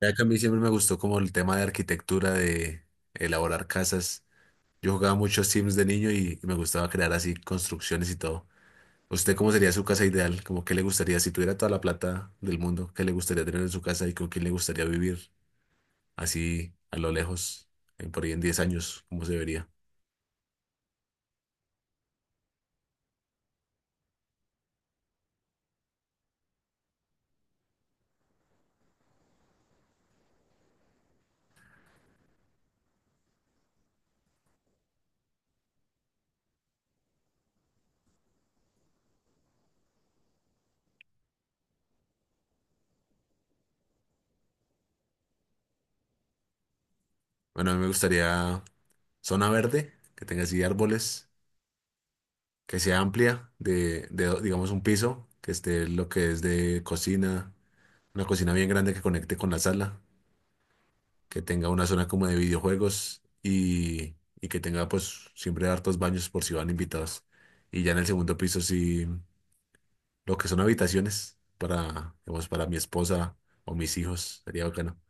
Ya que a mí siempre me gustó como el tema de arquitectura, de elaborar casas. Yo jugaba muchos Sims de niño y me gustaba crear así construcciones y todo. ¿Usted cómo sería su casa ideal? ¿Cómo qué le gustaría si tuviera toda la plata del mundo? ¿Qué le gustaría tener en su casa y con quién le gustaría vivir? Así a lo lejos, en por ahí en 10 años, ¿cómo se vería? Bueno, a mí me gustaría zona verde, que tenga así árboles, que sea amplia, digamos un piso, que esté lo que es de cocina, una cocina bien grande que conecte con la sala que tenga una zona como de videojuegos y que tenga pues siempre hartos baños por si van invitados. Y ya en el segundo piso sí, lo que son habitaciones para, digamos, para mi esposa o mis hijos, sería bacano.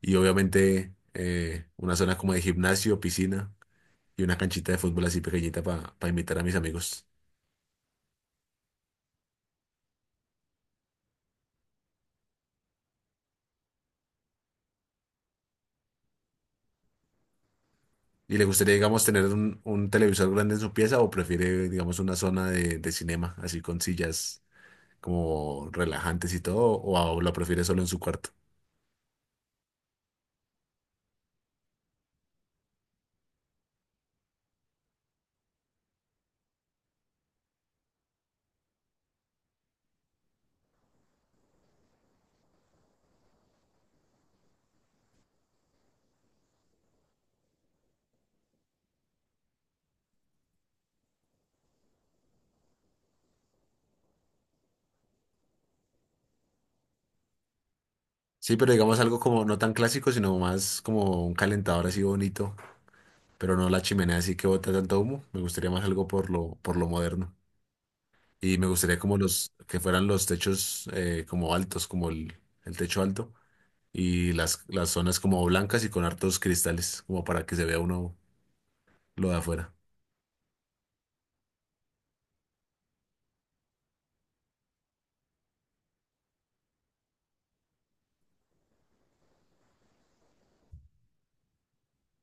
Y obviamente una zona como de gimnasio, piscina y una canchita de fútbol así pequeñita para invitar a mis amigos. ¿Y le gustaría, digamos, tener un televisor grande en su pieza o prefiere, digamos, una zona de cinema, así con sillas como relajantes y todo, o la prefiere solo en su cuarto? Sí, pero digamos algo como no tan clásico, sino más como un calentador así bonito, pero no la chimenea así que bota tanto humo. Me gustaría más algo por lo moderno. Y me gustaría como los que fueran los techos como altos, como el techo alto, y las zonas como blancas y con hartos cristales, como para que se vea uno lo de afuera.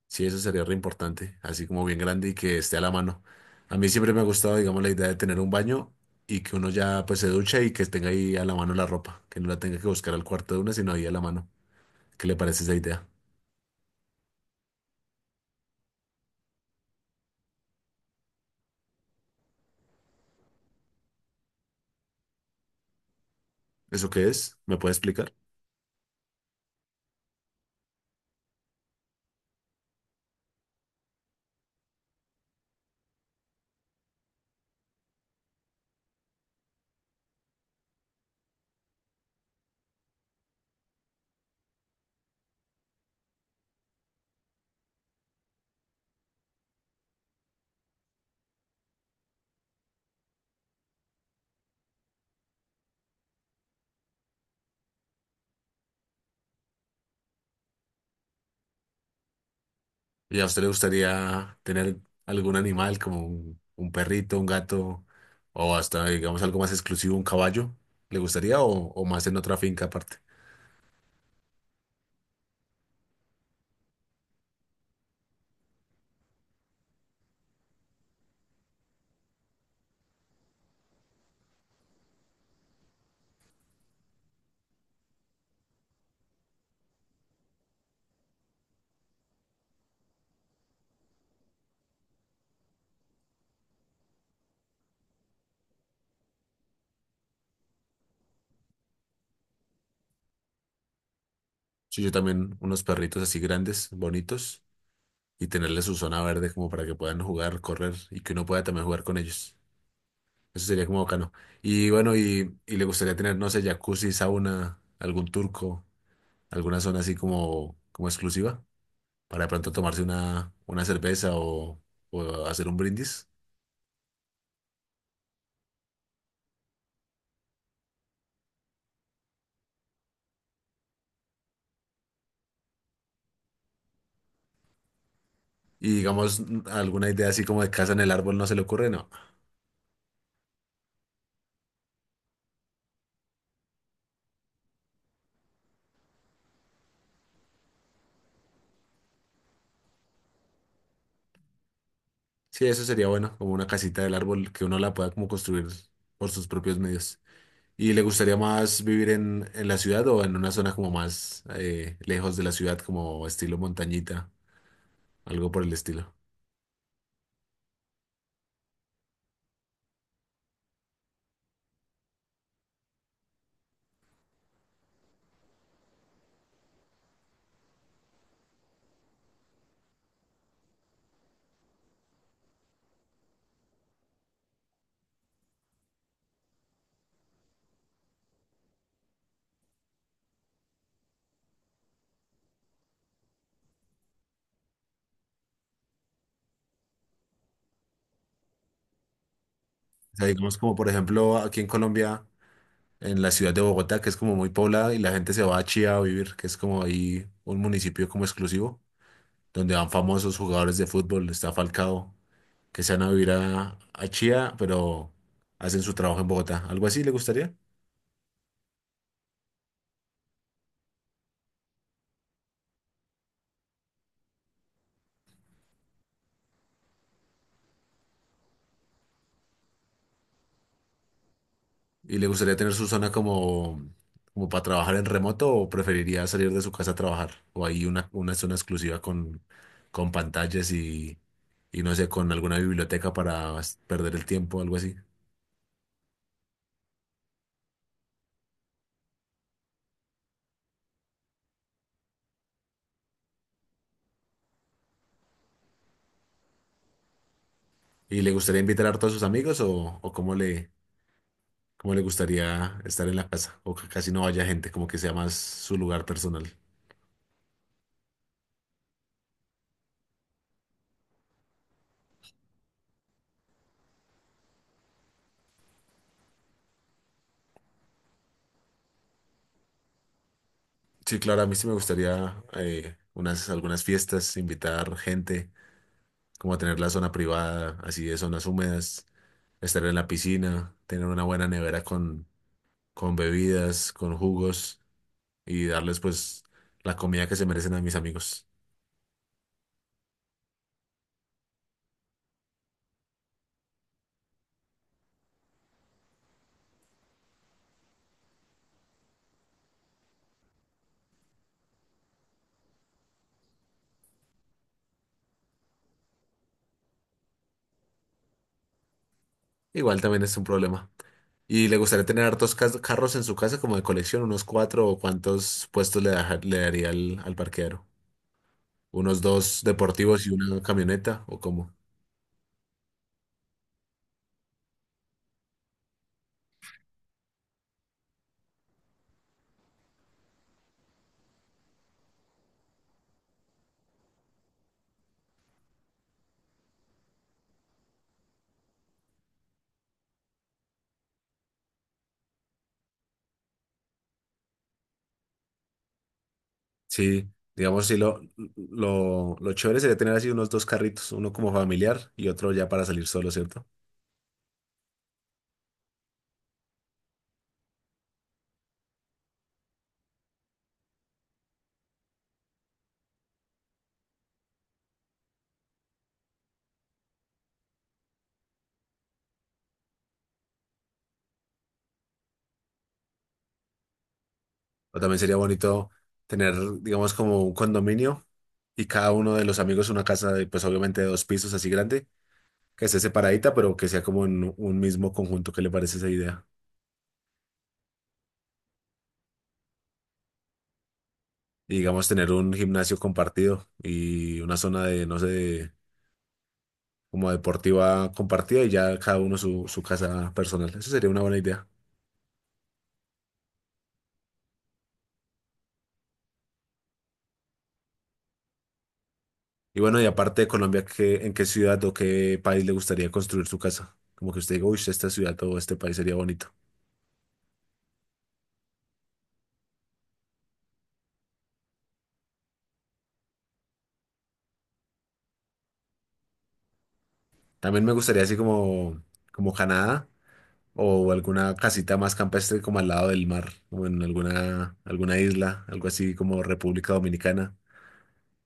Sí, eso sería re importante, así como bien grande y que esté a la mano. A mí siempre me ha gustado, digamos, la idea de tener un baño y que uno ya pues se ducha y que tenga ahí a la mano la ropa, que no la tenga que buscar al cuarto de una, sino ahí a la mano. ¿Qué le parece esa idea? ¿Eso qué es? ¿Me puede explicar? ¿Y a usted le gustaría tener algún animal como un perrito, un gato o hasta, digamos, algo más exclusivo, un caballo? ¿Le gustaría o más en otra finca aparte? Sí, yo también unos perritos así grandes, bonitos, y tenerle su zona verde como para que puedan jugar, correr y que uno pueda también jugar con ellos. Eso sería como bacano. Y bueno, y le gustaría tener, no sé, jacuzzi, sauna, algún turco, alguna zona así como, como exclusiva para de pronto tomarse una cerveza o hacer un brindis. Y digamos, alguna idea así como de casa en el árbol no se le ocurre, no. Sí, eso sería bueno, como una casita del árbol que uno la pueda como construir por sus propios medios. ¿Y le gustaría más vivir en la ciudad o en una zona como más lejos de la ciudad, como estilo montañita, algo por el estilo? O sea, digamos como por ejemplo aquí en Colombia, en la ciudad de Bogotá, que es como muy poblada y la gente se va a Chía a vivir, que es como ahí un municipio como exclusivo, donde van famosos jugadores de fútbol, está Falcao, que se van a vivir a Chía, pero hacen su trabajo en Bogotá. ¿Algo así le gustaría? ¿Y le gustaría tener su zona como para trabajar en remoto o preferiría salir de su casa a trabajar? ¿O hay una zona exclusiva con pantallas y no sé, con alguna biblioteca para perder el tiempo o algo así? ¿Y le gustaría invitar a todos sus amigos o cómo le gustaría estar en la casa? O que casi no vaya gente, como que sea más su lugar personal. Sí, claro, a mí sí me gustaría algunas fiestas, invitar gente como tener la zona privada, así de zonas húmedas, estar en la piscina, tener una buena nevera con bebidas, con jugos y darles pues la comida que se merecen a mis amigos. Igual también es un problema. Y le gustaría tener hartos carros en su casa como de colección, unos cuatro o cuántos puestos le daría al parqueadero. Unos dos deportivos y una camioneta o cómo. Sí, digamos, sí, lo chévere sería tener así unos dos carritos, uno como familiar y otro ya para salir solo, ¿cierto? O también sería bonito tener, digamos, como un condominio y cada uno de los amigos una casa de, pues obviamente de dos pisos así grande, que esté separadita, pero que sea como en un mismo conjunto. ¿Qué le parece esa idea? Y digamos, tener un gimnasio compartido y una zona de, no sé, de- como deportiva compartida y ya cada uno su, su casa personal. Eso sería una buena idea. Y bueno, y aparte de Colombia, ¿qué, en qué ciudad o qué país le gustaría construir su casa? Como que usted diga, uy, esta ciudad o este país sería bonito. También me gustaría así como, como Canadá, o alguna casita más campestre como al lado del mar, o en alguna, isla, algo así como República Dominicana,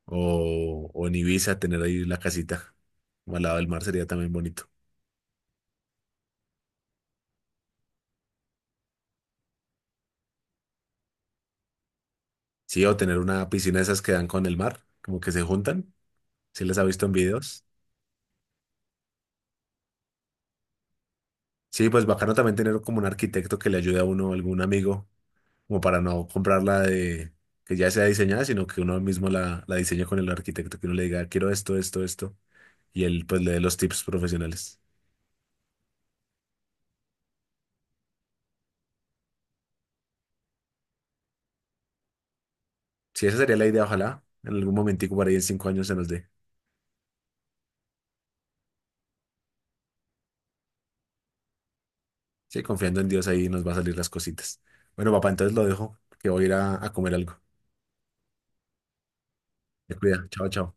o en Ibiza, tener ahí la casita como al lado del mar sería también bonito. Sí, o tener una piscina de esas que dan con el mar, como que se juntan, si les ha visto en videos. Sí, pues bacano también tener como un arquitecto que le ayude a uno, algún amigo, como para no comprarla de que ya sea diseñada, sino que uno mismo la diseñe con el arquitecto, que uno le diga, quiero esto, esto, esto, y él pues le dé los tips profesionales. Sí, esa sería la idea, ojalá. En algún momentico por ahí en 5 años se nos dé. Sí, confiando en Dios ahí nos va a salir las cositas. Bueno, papá, entonces lo dejo, que voy a ir a comer algo. Te cuida. Chao, chao.